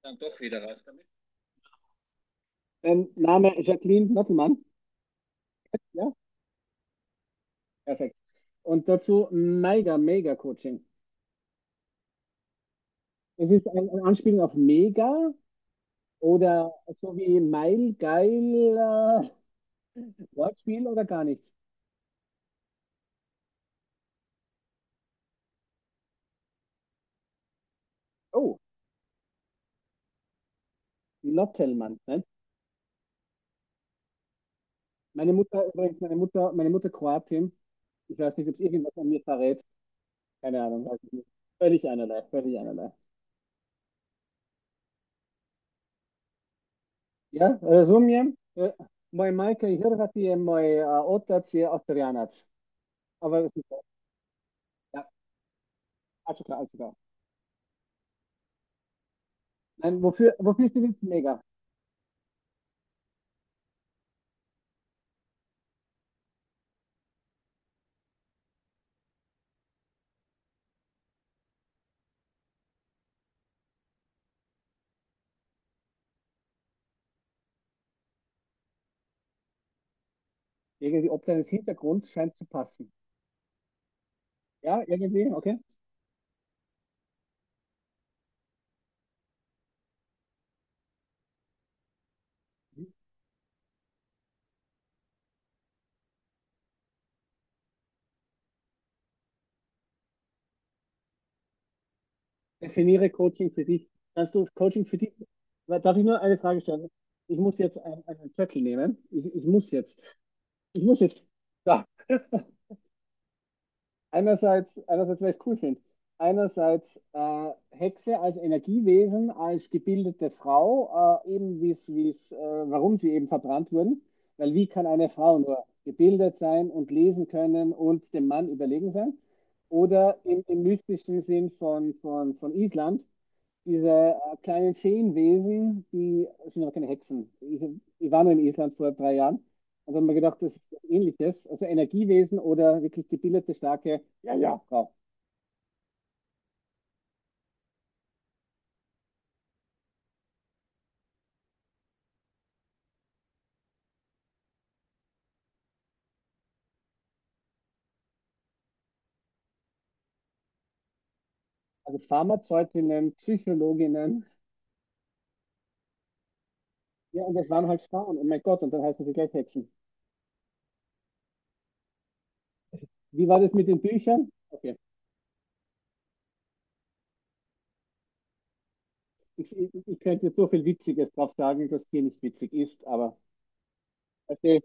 Dann doch wieder raus damit. Name Jacqueline Nottelmann. Ja, perfekt. Und dazu Mega Coaching. Es ist eine Anspielung auf Mega oder so wie Meil, geil, Wortspiel oder gar nichts. Oh, Nottelmann. Ne? Meine Mutter, übrigens, meine Mutter Kroatin. Ich weiß nicht, ob es irgendwas an mir verrät. Keine Ahnung, weiß ich nicht. Völlig einerlei, völlig einerlei. Ja, razumijem. Moj majka i Hrvati je moj a, otac je Austrijanac. Aber das ist ja. Also klar, also klar. Nein, wofür ist die Witz mega? Irgendwie ob deines Hintergrunds scheint zu passen. Ja, irgendwie, okay. Mhm. Definiere Coaching für dich. Kannst du Coaching für dich? Darf ich nur eine Frage stellen? Ich muss jetzt einen Zettel nehmen. Ich muss jetzt. Ich muss jetzt. Da. Einerseits, einerseits, weil ich es cool finde, einerseits Hexe als Energiewesen, als gebildete Frau, eben wie es, warum sie eben verbrannt wurden. Weil wie kann eine Frau nur gebildet sein und lesen können und dem Mann überlegen sein? Oder im, im mystischen Sinn von Island, diese kleinen Feenwesen, die es sind aber keine Hexen. Ich war nur in Island vor drei Jahren und habe mir gedacht, das ist was Ähnliches. Also Energiewesen oder wirklich gebildete, starke, ja, ja, Frau. Also Pharmazeutinnen, Psychologinnen. Ja, und das waren halt Frauen. Oh mein Gott, und dann heißen sie gleich Hexen. Wie war das mit den Büchern? Okay. Ich könnte jetzt so viel Witziges drauf sagen, dass hier nicht witzig ist, aber okay,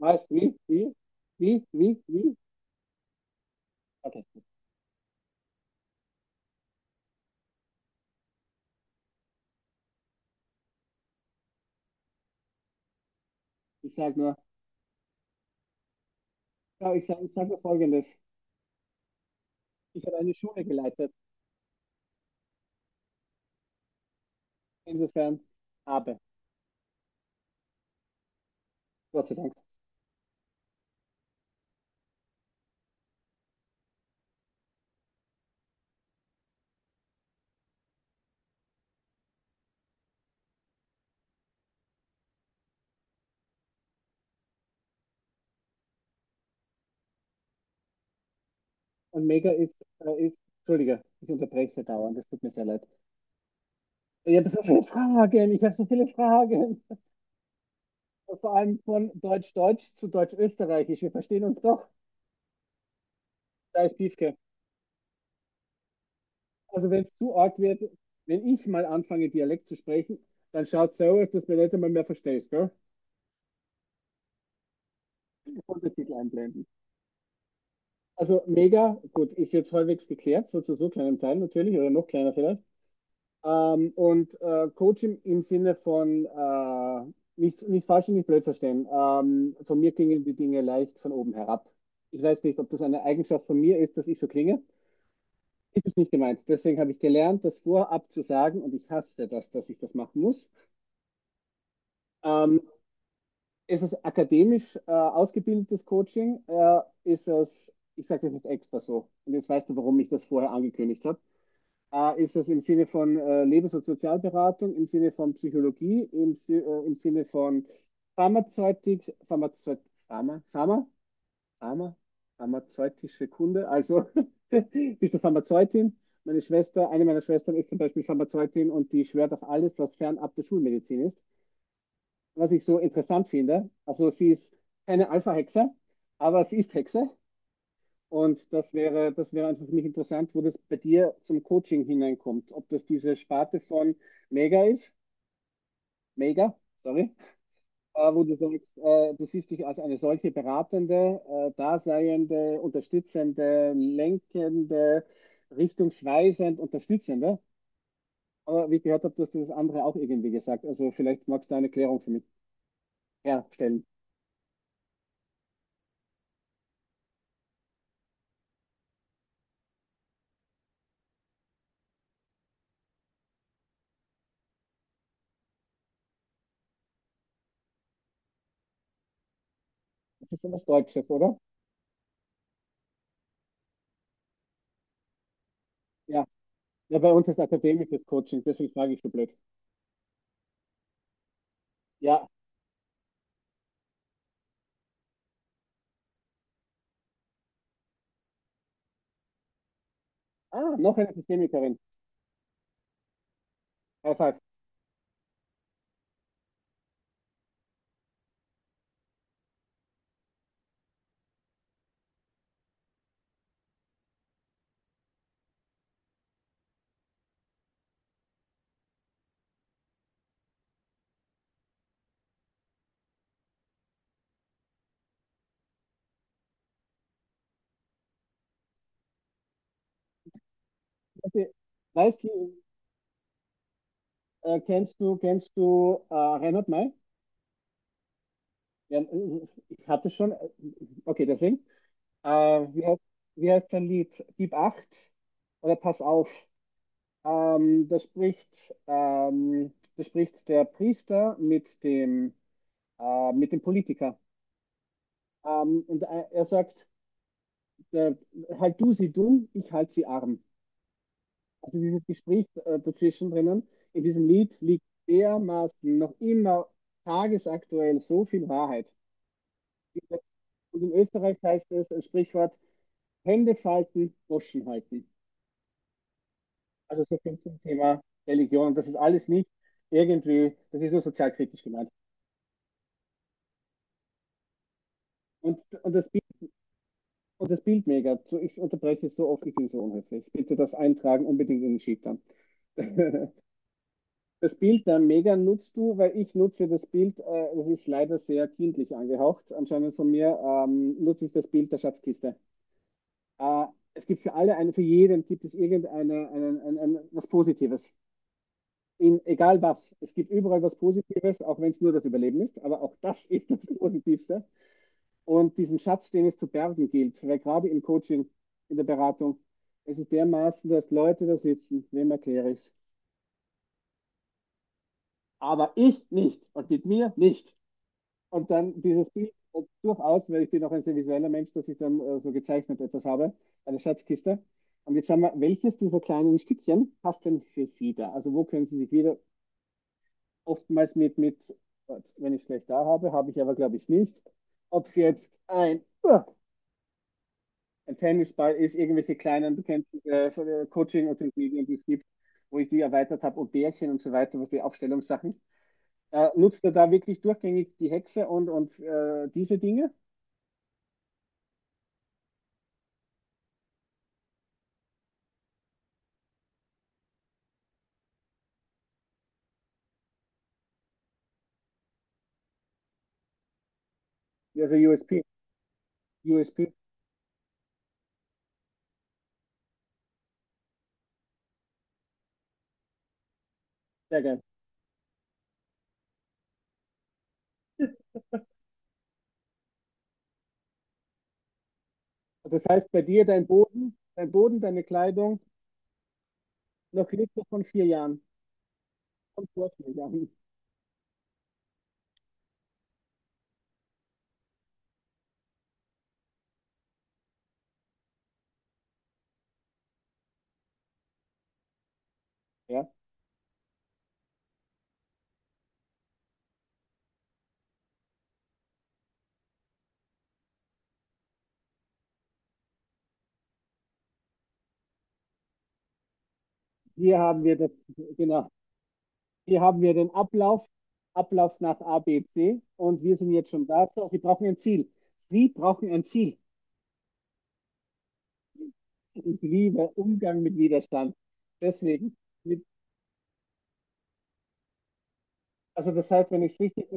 was, wie, wie, wie, wie, wie? Okay. Ich sage nur, ja, ich sag nur Folgendes. Ich habe eine Schule geleitet. Insofern habe, Gott sei Dank. Und Mega ist, ist Entschuldige, ich unterbreche dauernd, das tut mir sehr leid. Ich habe so viele Fragen, ich habe so viele Fragen. Vor allem von Deutsch-Deutsch zu Deutsch-Österreichisch. Wir verstehen uns doch. Da ist Piefke. Also wenn es zu arg wird, wenn ich mal anfange, Dialekt zu sprechen, dann schaut es so aus, dass mir nicht einmal mehr verstehst, gell? Und den Titel einblenden. Also mega, gut, ist jetzt halbwegs geklärt, so zu so kleinem Teil natürlich, oder noch kleiner vielleicht. Und Coach im Sinne von nicht falsch und nicht blöd verstehen. Von mir klingen die Dinge leicht von oben herab. Ich weiß nicht, ob das eine Eigenschaft von mir ist, dass ich so klinge. Ist es nicht gemeint. Deswegen habe ich gelernt, das vorab zu sagen und ich hasse das, dass ich das machen muss. Ähm, ist es akademisch ausgebildetes Coaching? Ist es, ich sage das nicht extra so. Und jetzt weißt du, warum ich das vorher angekündigt habe. Ah, ist das im Sinne von Lebens- und Sozialberatung, im Sinne von Psychologie, im Sinne von Pharmazeutik, Pharmazeut, Pharma, Pharma, Pharma, pharmazeutische Kunde? Also bist du Pharmazeutin? Meine Schwester, eine meiner Schwestern ist zum Beispiel Pharmazeutin und die schwört auf alles, was fernab der Schulmedizin ist. Was ich so interessant finde, also sie ist keine Alpha-Hexe, aber sie ist Hexe. Und das wäre einfach für mich interessant, wo das bei dir zum Coaching hineinkommt. Ob das diese Sparte von Mega ist, Mega, sorry, wo du sagst, du siehst dich als eine solche beratende, daseiende, unterstützende, lenkende, richtungsweisend, unterstützende. Aber wie ich gehört habe, du hast das andere auch irgendwie gesagt. Also vielleicht magst du eine Erklärung für mich herstellen. Das ist etwas Deutsches, oder? Ja. Ja, bei uns ist akademisches Coaching, deswegen frage ich so blöd. Ja. Ah, noch eine Systemikerin. High five. Okay. Weißt du, kennst du Reinhard May? Ja, ich hatte schon, okay, deswegen. Äh, wie, heißt- wie heißt sein Lied? Gib acht oder pass auf. Ähm, da spricht, da spricht der Priester mit dem Politiker. Und er sagt, der, halt du sie dumm, ich halt sie arm. Also dieses Gespräch dazwischen drinnen, in diesem Lied liegt dermaßen noch immer tagesaktuell so viel Wahrheit. Und in Österreich heißt es ein Sprichwort, Hände falten, Goschen halten. Also so viel zum Thema Religion. Das ist alles nicht irgendwie, das ist nur sozialkritisch gemeint. Und, das, Bild, und das Bild mega. Ich unterbreche so oft, ich bin so unhöflich. Bitte das eintragen, unbedingt in den Sheet dann. Das Bild der Megan nutzt du, weil ich nutze das Bild, das ist leider sehr kindlich angehaucht, anscheinend von mir, nutze ich das Bild der Schatzkiste. Äh, es gibt für alle, eine, für jeden gibt es ein, was Positives. In, egal was. Es gibt überall was Positives, auch wenn es nur das Überleben ist, aber auch das ist das Positivste. Und diesen Schatz, den es zu bergen gilt, weil gerade im Coaching, in der Beratung, es ist dermaßen, dass Leute da sitzen, wem erkläre ich es? Aber ich nicht und mit mir nicht. Und dann dieses Bild, durchaus, weil ich bin auch ein sehr visueller Mensch, dass ich dann so gezeichnet etwas habe, eine Schatzkiste. Und jetzt schauen wir, welches dieser kleinen Stückchen passt denn für Sie da? Also wo können Sie sich wieder oftmals Gott, wenn ich es schlecht da habe, habe ich aber glaube ich nicht. Ob es jetzt uah, ein Tennisball ist, irgendwelche kleinen, bekannten Coaching und Medien, die es gibt, wo ich die erweitert habe, und Bärchen und so weiter, was die Aufstellungssachen. Nutzt er da wirklich durchgängig die Hexe und diese Dinge? Ja, also USP. USP, sehr gern. Das heißt, bei dir dein Boden, deine Kleidung, noch Liste von vier Jahren. Von vor vier Jahren. Ja. Hier haben wir das, genau. Hier haben wir den Ablauf, Ablauf nach A, B, C und wir sind jetzt schon da. So, Sie brauchen ein Ziel. Sie brauchen ein Ziel. Ich liebe Umgang mit Widerstand. Deswegen, mit, also das heißt, wenn ich es richtig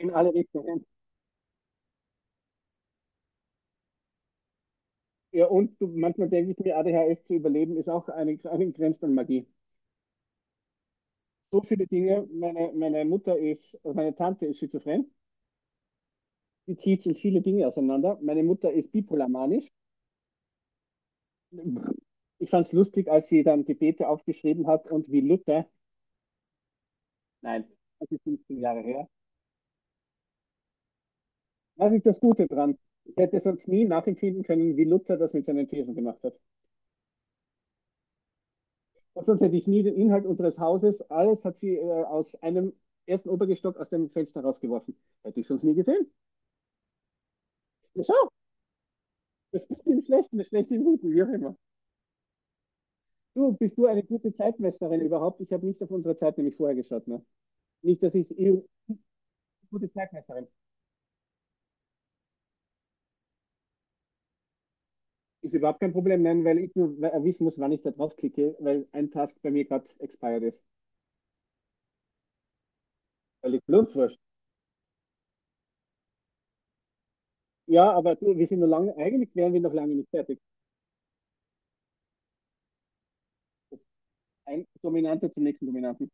in alle Richtungen. Ja, und du, manchmal denke ich mir, ADHS zu überleben ist eine Grenze an Magie. So viele Dinge. Also meine Tante ist schizophren. Die zieht sich viele Dinge auseinander. Meine Mutter ist bipolarmanisch. Ich fand es lustig, als sie dann Gebete aufgeschrieben hat und wie Luther, nein, das ist 15 Jahre her. Was ist das Gute dran? Ich hätte sonst nie nachempfinden können, wie Luther das mit seinen Thesen gemacht hat. Und sonst hätte ich nie den Inhalt unseres Hauses, alles hat sie aus einem ersten Obergestock aus dem Fenster rausgeworfen. Hätte ich sonst nie gesehen. Ja, schau, das gibt im Schlechten, das Schlechte im Guten, wie auch immer. Du, bist du eine gute Zeitmesserin überhaupt? Ich habe nicht auf unsere Zeit nämlich vorher geschaut. Ne? Nicht, dass ich gute Zeitmesserin. Ist überhaupt kein Problem, nein, weil ich nur wissen muss, wann ich da draufklicke, weil ein Task bei mir gerade expired ist. Weil ich blutwurscht. Ja, aber du, wir sind noch lange, eigentlich wären wir noch lange nicht fertig. Ein Dominante zum nächsten Dominanten.